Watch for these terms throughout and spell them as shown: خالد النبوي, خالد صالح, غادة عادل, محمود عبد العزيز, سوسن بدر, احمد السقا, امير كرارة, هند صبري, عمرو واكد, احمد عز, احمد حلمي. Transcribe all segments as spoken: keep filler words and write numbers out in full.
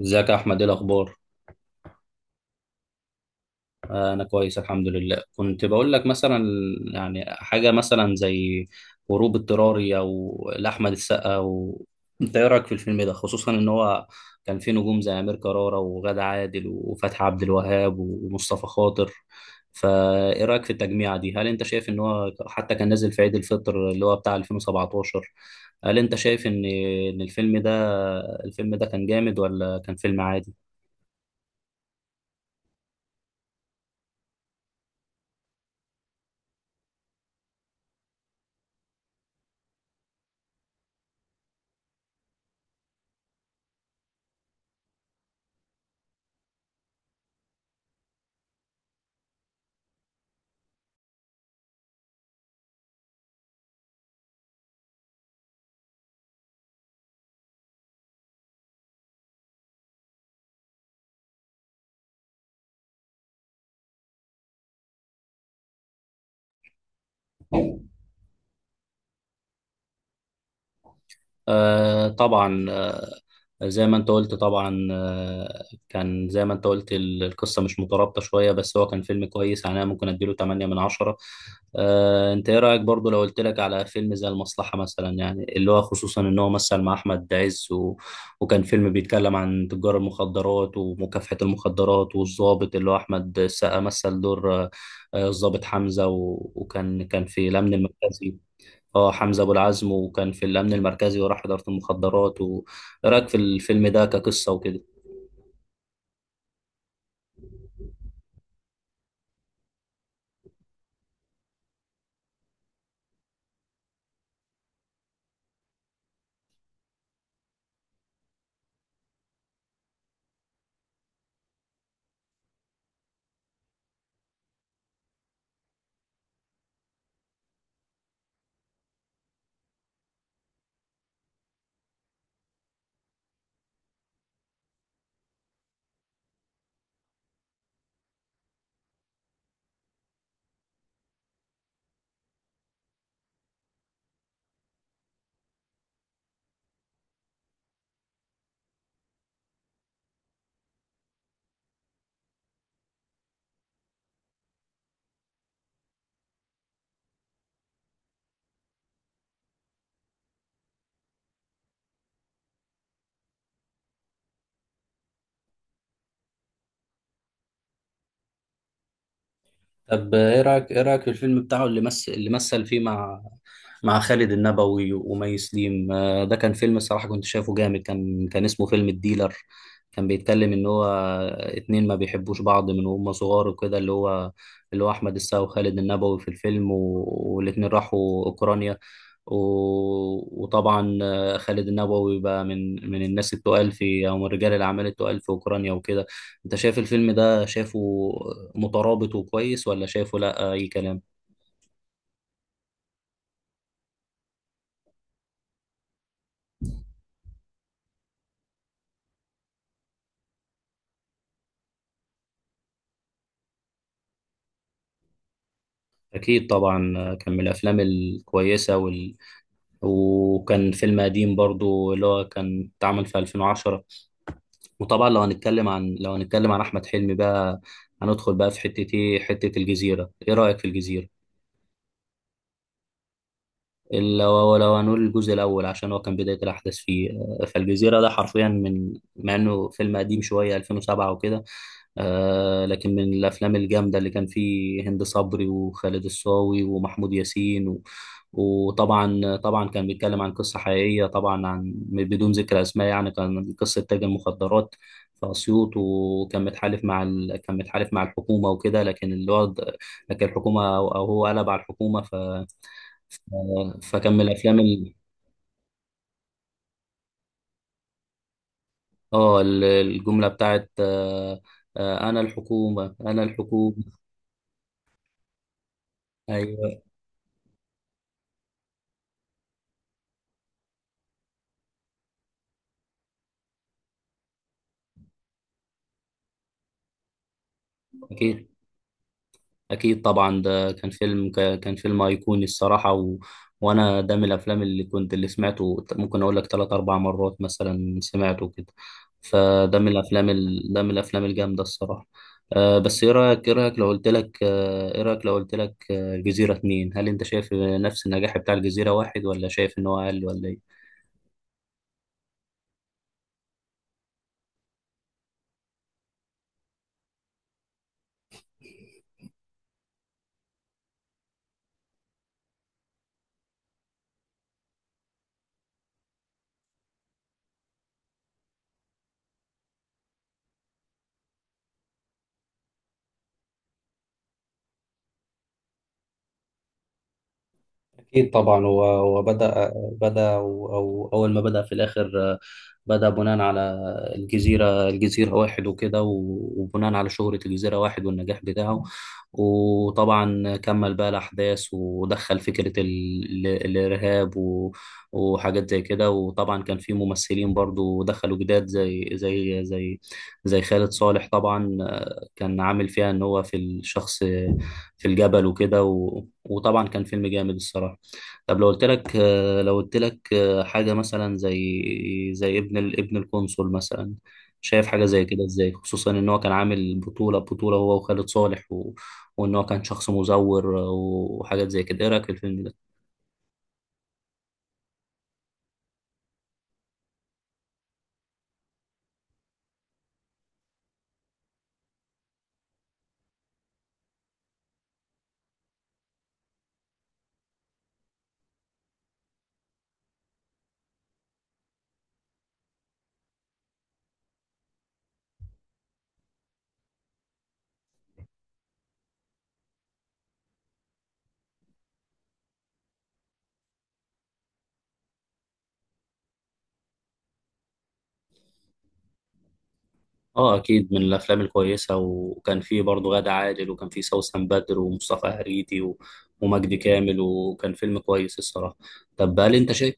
ازيك يا احمد؟ ايه الاخبار؟ آه، انا كويس الحمد لله. كنت بقول لك مثلا، يعني حاجه مثلا زي هروب اضطراري او لاحمد السقا و... انت ايه رايك في الفيلم ده؟ خصوصا ان هو كان فيه نجوم زي امير كرارة وغادة عادل وفتحي عبد الوهاب ومصطفى خاطر. فايه رايك في التجميعه دي؟ هل انت شايف ان هو حتى كان نازل في عيد الفطر اللي هو بتاع ألفين وسبعة عشر؟ هل انت شايف ان ان الفيلم ده الفيلم ده كان جامد ولا كان فيلم عادي؟ آه طبعا، آه، زي ما انت قلت. طبعا آه، كان زي ما انت قلت ال- القصة مش مترابطة شوية، بس هو كان فيلم كويس، يعني انا ممكن اديله تمانية من عشرة. آه، انت ايه رأيك برضو لو قلت لك على فيلم زي المصلحة مثلا، يعني اللي هو خصوصا ان هو مثل مع احمد عز و... وكان فيلم بيتكلم عن تجار المخدرات ومكافحة المخدرات، والضابط اللي هو احمد السقا مثل دور آه، آه، الضابط حمزة و... وكان كان في الأمن المركزي. اه، حمزة أبو العزم، وكان في الأمن المركزي وراح إدارة المخدرات و... إيه رأيك في الفيلم ده كقصة وكده؟ طب ايه رايك ايه رايك في الفيلم بتاعه اللي مثل اللي مثل فيه مع مع خالد النبوي ومي سليم؟ آه، ده كان فيلم، الصراحه كنت شايفه جامد. كان كان اسمه فيلم الديلر. كان بيتكلم ان هو اتنين ما بيحبوش بعض من وهم صغار وكده، اللي هو اللي هو احمد السقا وخالد النبوي في الفيلم و... والاتنين راحوا اوكرانيا و... وطبعا آه، خالد النبوي بقى من من الناس التقال في، او من رجال الاعمال التقال في اوكرانيا وكده. انت شايف الفيلم ده، شايفه مترابط وكويس، ولا شايفه لا اي كلام؟ اكيد طبعا، كان من الافلام الكويسه وال... وكان فيلم قديم برضو اللي هو كان اتعمل في ألفين وعشرة. وطبعا لو هنتكلم عن لو هنتكلم عن احمد حلمي بقى، هندخل بقى في حته ايه، حته الجزيره. ايه رايك في الجزيره؟ لو لو هنقول الجزء الاول، عشان هو كان بدايه الاحداث فيه. فالجزيره ده حرفيا، من مع انه فيلم قديم شويه ألفين وسبعة وكده، آه، لكن من الافلام الجامده اللي كان فيه هند صبري وخالد الصاوي ومحمود ياسين و... وطبعا طبعا كان بيتكلم عن قصه حقيقيه طبعا، عن بدون ذكر اسماء يعني. كان قصه تاجر مخدرات في اسيوط وكان متحالف مع ال... كان متحالف مع الحكومه وكده، لكن الوضع لكن الحكومه او أو هو قلب على الحكومه ف. فكان من الافلام ال... اه، ال- الجمله بتاعت آه آه انا الحكومه، انا الحكومه. ايوه. اكيد، أكيد طبعا، ده كان فيلم ك- كان فيلم أيقوني الصراحة و... وأنا ده من الأفلام اللي كنت اللي سمعته ممكن أقول لك تلات أربع مرات مثلا، سمعته كده. فده من الأفلام ال... ده من الأفلام الجامدة الصراحة. أه بس إيه رأيك إيه رأيك لو قلت لك آه، إيه رأيك لو قلت لك آه، الجزيرة اتنين، هل أنت شايف نفس النجاح بتاع الجزيرة واحد، ولا شايف إن هو أقل، ولا إيه؟ أكيد طبعا، و- وبدأ بدأ بدأ أو أول ما بدأ في الآخر، آه، بدأ بناء على الجزيرة الجزيرة واحد وكده، و- وبناء على شهرة الجزيرة واحد والنجاح بتاعه. وطبعا كمل بقى الأحداث ودخل فكرة ال- ال- الإرهاب و- وحاجات زي كده. وطبعا كان في ممثلين برضو دخلوا جداد، زي زي زي زي خالد صالح طبعا. آه، كان عامل فيها إن هو في الشخص في الجبل وكده. وطبعا كان فيلم جامد الصراحه. طب لو قلت لك آه، لو قلت لك آه، حاجه مثلا زي زي ابن ال- ابن القنصل مثلا، شايف حاجه زي كده ازاي؟ خصوصا ان هو كان عامل بطوله بطوله هو وخالد صالح و... وان هو كان شخص مزور آه، وحاجات زي كده. ايه رايك في الفيلم ده؟ اه، اكيد من الافلام الكويسه. وكان فيه برضه غادة عادل، وكان فيه سوسن بدر ومصطفى هريتي و... ومجدي كامل. وكان فيلم كويس الصراحه. طب هل انت شايف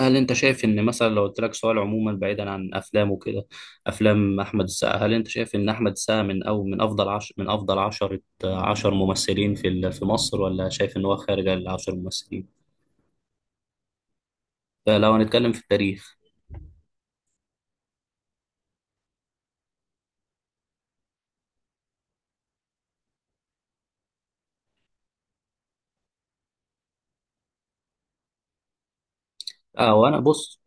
هل انت شايف ان مثلا، لو قلت لك سؤال عموما بعيدا عن افلام وكده، افلام احمد السقا، هل انت شايف ان احمد السقا من او من افضل عش من افضل عشرة، عشر ممثلين في ال- في مصر، ولا شايف ان هو خارج العشر ممثلين؟ فلو هنتكلم في التاريخ. اه، وانا بص،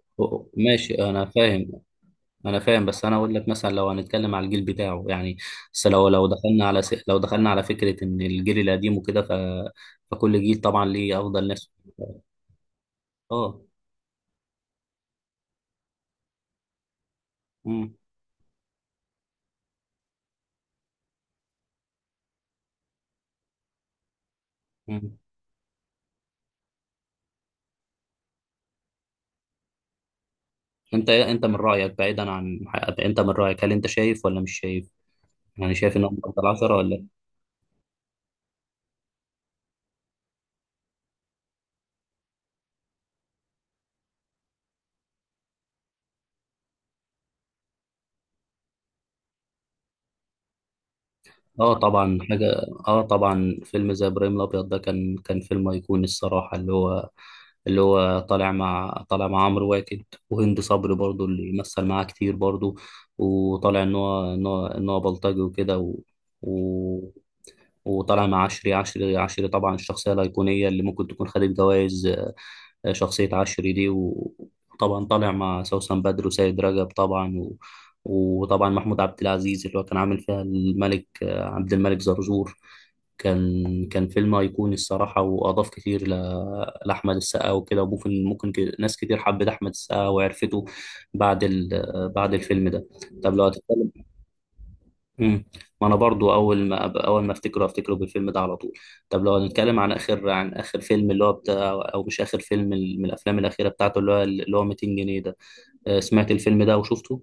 ماشي. انا فاهم، انا فاهم، بس انا اقول لك مثلا لو هنتكلم على الجيل بتاعه يعني. بس لو لو دخلنا على س... لو دخلنا على فكرة ان الجيل القديم وكده ف. فكل جيل طبعا ليه افضل ناس. اه. مم. مم. انت، انت من رايك بعيدا عن حقيقة، انت من رايك، هل انت شايف ولا مش شايف؟ يعني شايف ان هو من افضل عشرة ولا؟ اه طبعا، حاجه. اه طبعا، فيلم زي ابراهيم الابيض ده كان كان فيلم ايقوني الصراحه، اللي هو اللي هو طالع مع طالع مع عمرو واكد وهند صبري برضو، اللي مثل معاه كتير برضو. وطالع ان هو ان هو ان هو بلطجي وكده و... و... وطالع مع عشري، عشري عشري طبعا الشخصيه الايقونيه اللي ممكن تكون خدت جوائز، شخصية عشري دي. وطبعا طالع مع سوسن بدر وسيد رجب طبعا و... وطبعا محمود عبد العزيز اللي هو كان عامل فيها الملك عبد الملك زرزور. كان كان فيلم أيقوني الصراحة، وأضاف كتير ل... لأحمد السقا وكده. وممكن ممكن ك- ناس كتير حبت أحمد السقا وعرفته بعد ال... بعد الفيلم ده. طب لو هتتكلم. امم، ما انا برضو اول ما أب- اول ما افتكره، افتكره بالفيلم ده على طول. طب لو هنتكلم عن اخر، عن اخر فيلم اللي هو بتاع، او مش اخر فيلم، ال- من الافلام الاخيره بتاعته، اللي هو اللي هو ميتين جنيه ده. آه، سمعت الفيلم ده وشفته.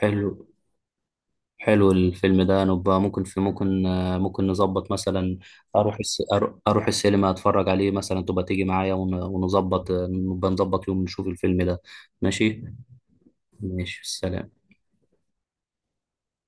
حلو. حلو الفيلم ده. نبقى ممكن في ممكن آه، ممكن نظبط مثلا، اروح الس... أرو- اروح السينما اتفرج عليه مثلا. تبقى تيجي معايا ون- ونظبط آه، نبقى نظبط يوم نشوف الفيلم ده. ماشي. ماشي، سلام.